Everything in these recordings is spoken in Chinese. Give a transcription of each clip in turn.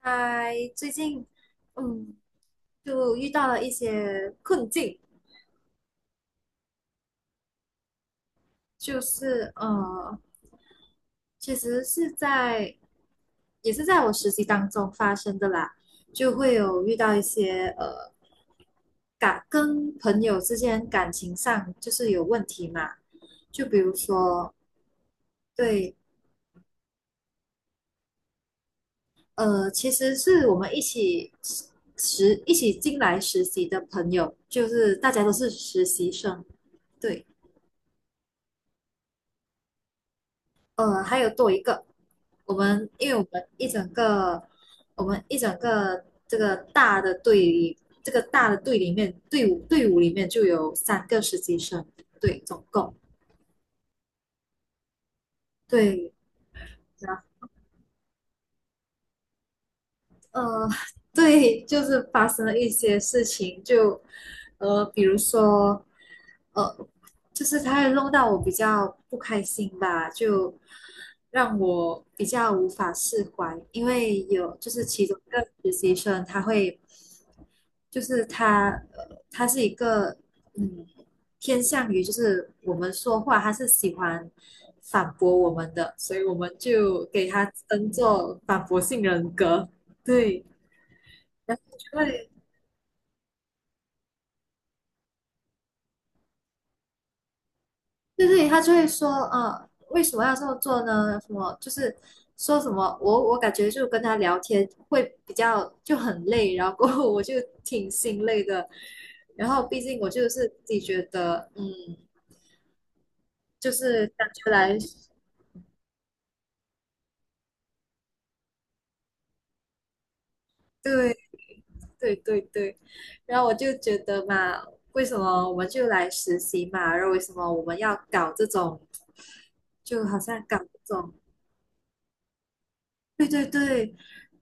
嗨，最近嗯，就遇到了一些困境。就是其实也是在我实习当中发生的啦。就会有遇到一些跟朋友之间感情上就是有问题嘛，就比如说。对，其实是我们一起一起进来实习的朋友，就是大家都是实习生。对。还有多一个。因为我们一整个，我们一整个这个大的队里，这个大的队里面，队伍里面就有3个实习生。对，总共。对。然后呃，对，就是发生了一些事情。就比如说，呃，就是他会弄到我比较不开心吧，就让我比较无法释怀。因为就是其中一个实习生他会就是他，他是一个，嗯，偏向于就是我们说话，他是喜欢反驳我们的，所以我们就给他称作反驳性人格。对，然后就会。对对，他就会说，为什么要这么做呢？什么就是说什么。我感觉就跟他聊天会比较就很累，然后过后我就挺心累的。然后毕竟我就是自己觉得，就是感觉来。对对对对，然后我就觉得嘛，为什么我们就来实习嘛？然后为什么我们要搞这种，就好像搞这种。对对对，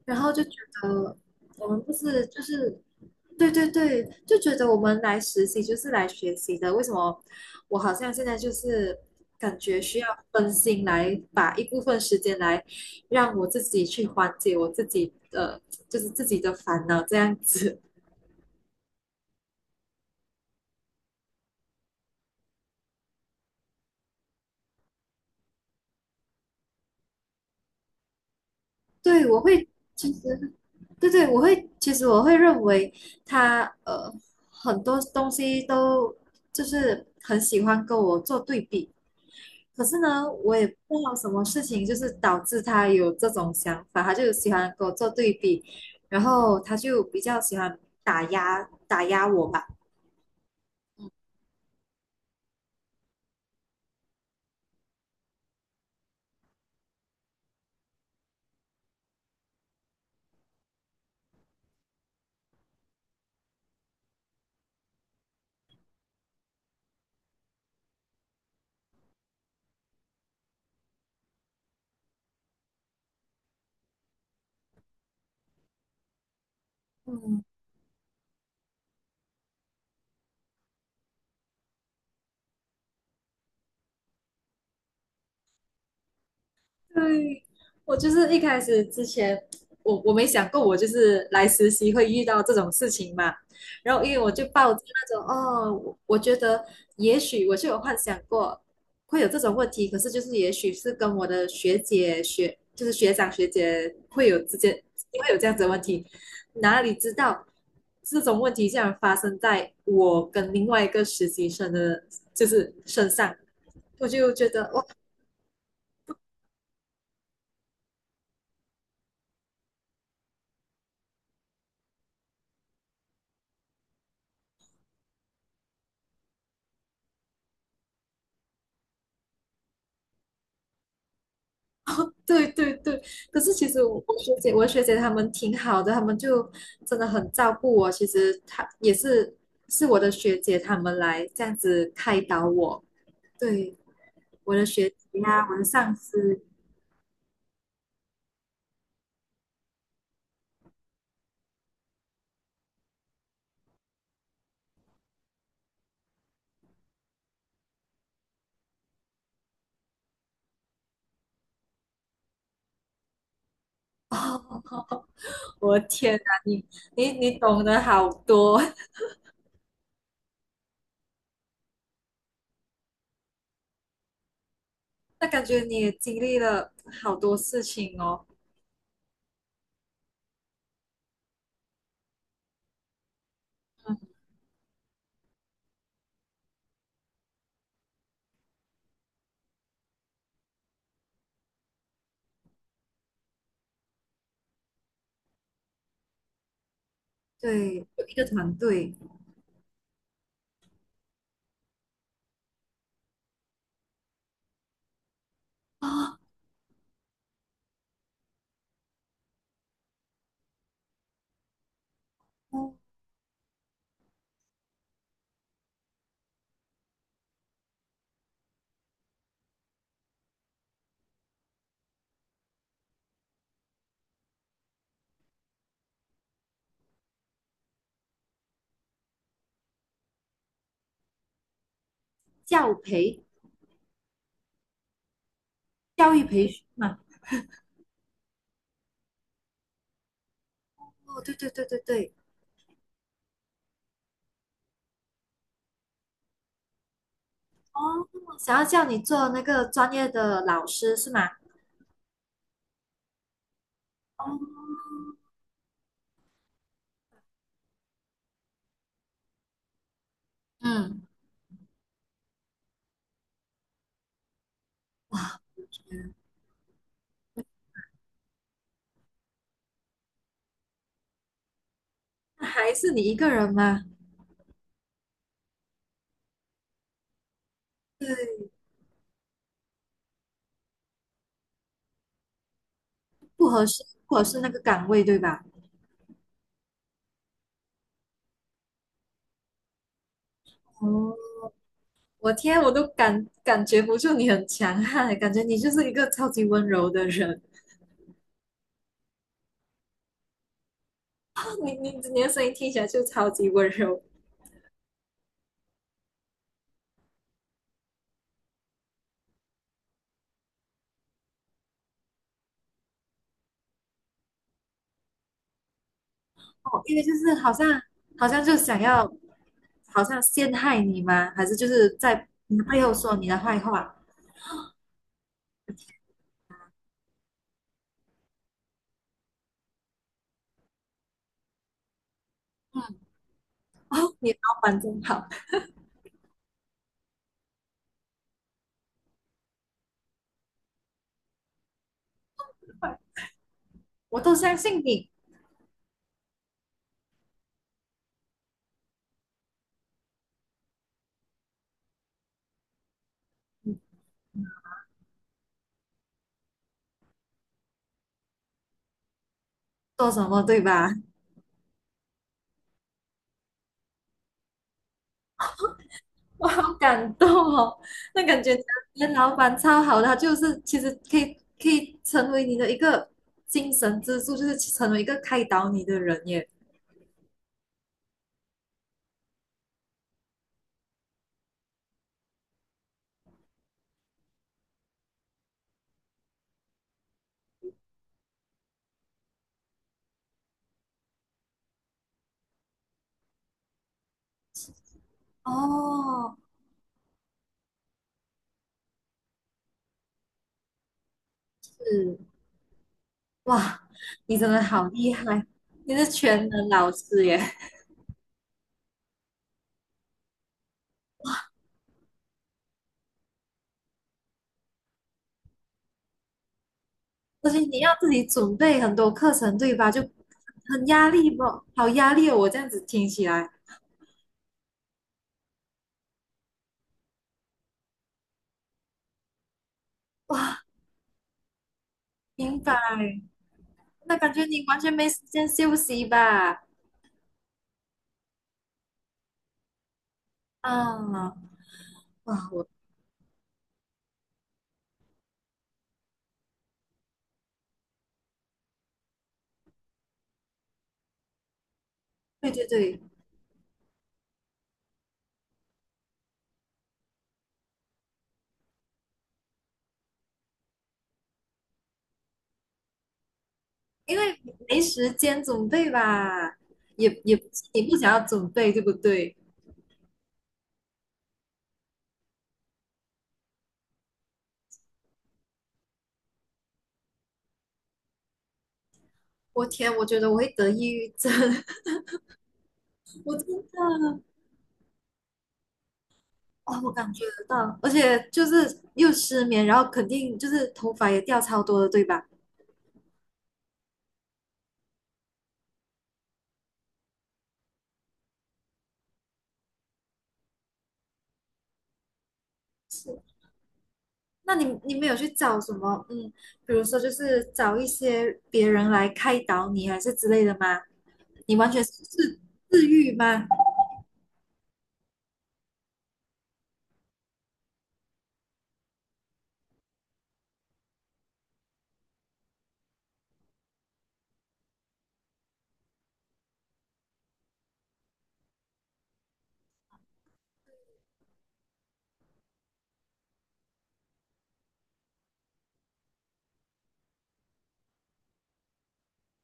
然后就觉得我们不是就是。对对对，就觉得我们来实习就是来学习的。为什么我好像现在就是感觉需要分心来把一部分时间来让我自己去缓解我自己的，就是自己的烦恼这样子。对，我会其实。对对，我会其实我会认为他很多东西都就是很喜欢跟我做对比。可是呢，我也不知道什么事情就是导致他有这种想法，他就喜欢跟我做对比。然后他就比较喜欢打压我吧。嗯。对，我就是一开始之前，我没想过我就是来实习会遇到这种事情嘛。然后因为我就抱着那种哦，我觉得也许我就有幻想过会有这种问题。可是就是也许是跟我的学姐学就是学长学姐会有之间会有这样子的问题。哪里知道这种问题竟然发生在我跟另外一个实习生的，就是身上。我就觉得哇。对对对，可是其实我学姐她们挺好的，她们就真的很照顾我。其实她也是我的学姐，她们来这样子开导我。对，我的学姐呀、我的上司。哦，我的天哪，你懂得好多。那感觉你也经历了好多事情哦。嗯，对，有一个团队啊。哦，教培，教育培训嘛。哦，对对对对对。哦，想要叫你做那个专业的老师是吗？哦，嗯，哇，那还是你一个人吗？对，不合适，不合适那个岗位，对吧？哦，我天，我都感觉不住你很强悍，感觉你就是一个超级温柔的人。哦，你的声音听起来就超级温柔。哦，因为就是好像就想要，好像陷害你吗？还是就是在你的背后说你的坏话？嗯，哦，你老板真好。我都相信你做什么，对吧？我好感动哦。那感觉你的老板超好的，他就是其实可以成为你的一个精神支柱，就是成为一个开导你的人耶。哦，是，哇，你真的好厉害，你是全能老师耶。而且你要自己准备很多课程，对吧？就很压力不？好压力哦，我这样子听起来。哇，明白。那感觉你完全没时间休息吧？啊，哇，我对对对，因为没时间准备吧，也不是你不想要准备，对不对？我天，我觉得我会得抑郁症。我真的。哦，我感觉得到，而且就是又失眠，然后肯定就是头发也掉超多的，对吧？那你没有去找什么，比如说就是找一些别人来开导你，还是之类的吗？你完全是自愈吗？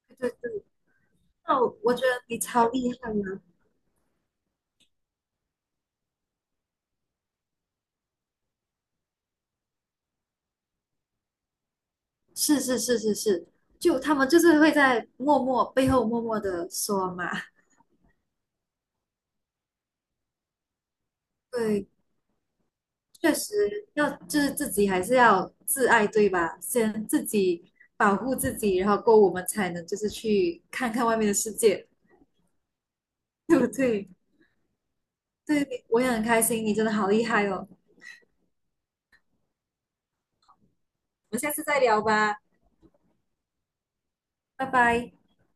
对对对，那我觉得你超厉害的。是是是是是，就他们就是会在默默背后默默的说嘛。对，确实要就是自己还是要自爱，对吧？先自己保护自己，然后够我们才能就是去看看外面的世界，对不对？对，我也很开心，你真的好厉害哦。我们下次再聊吧。拜拜。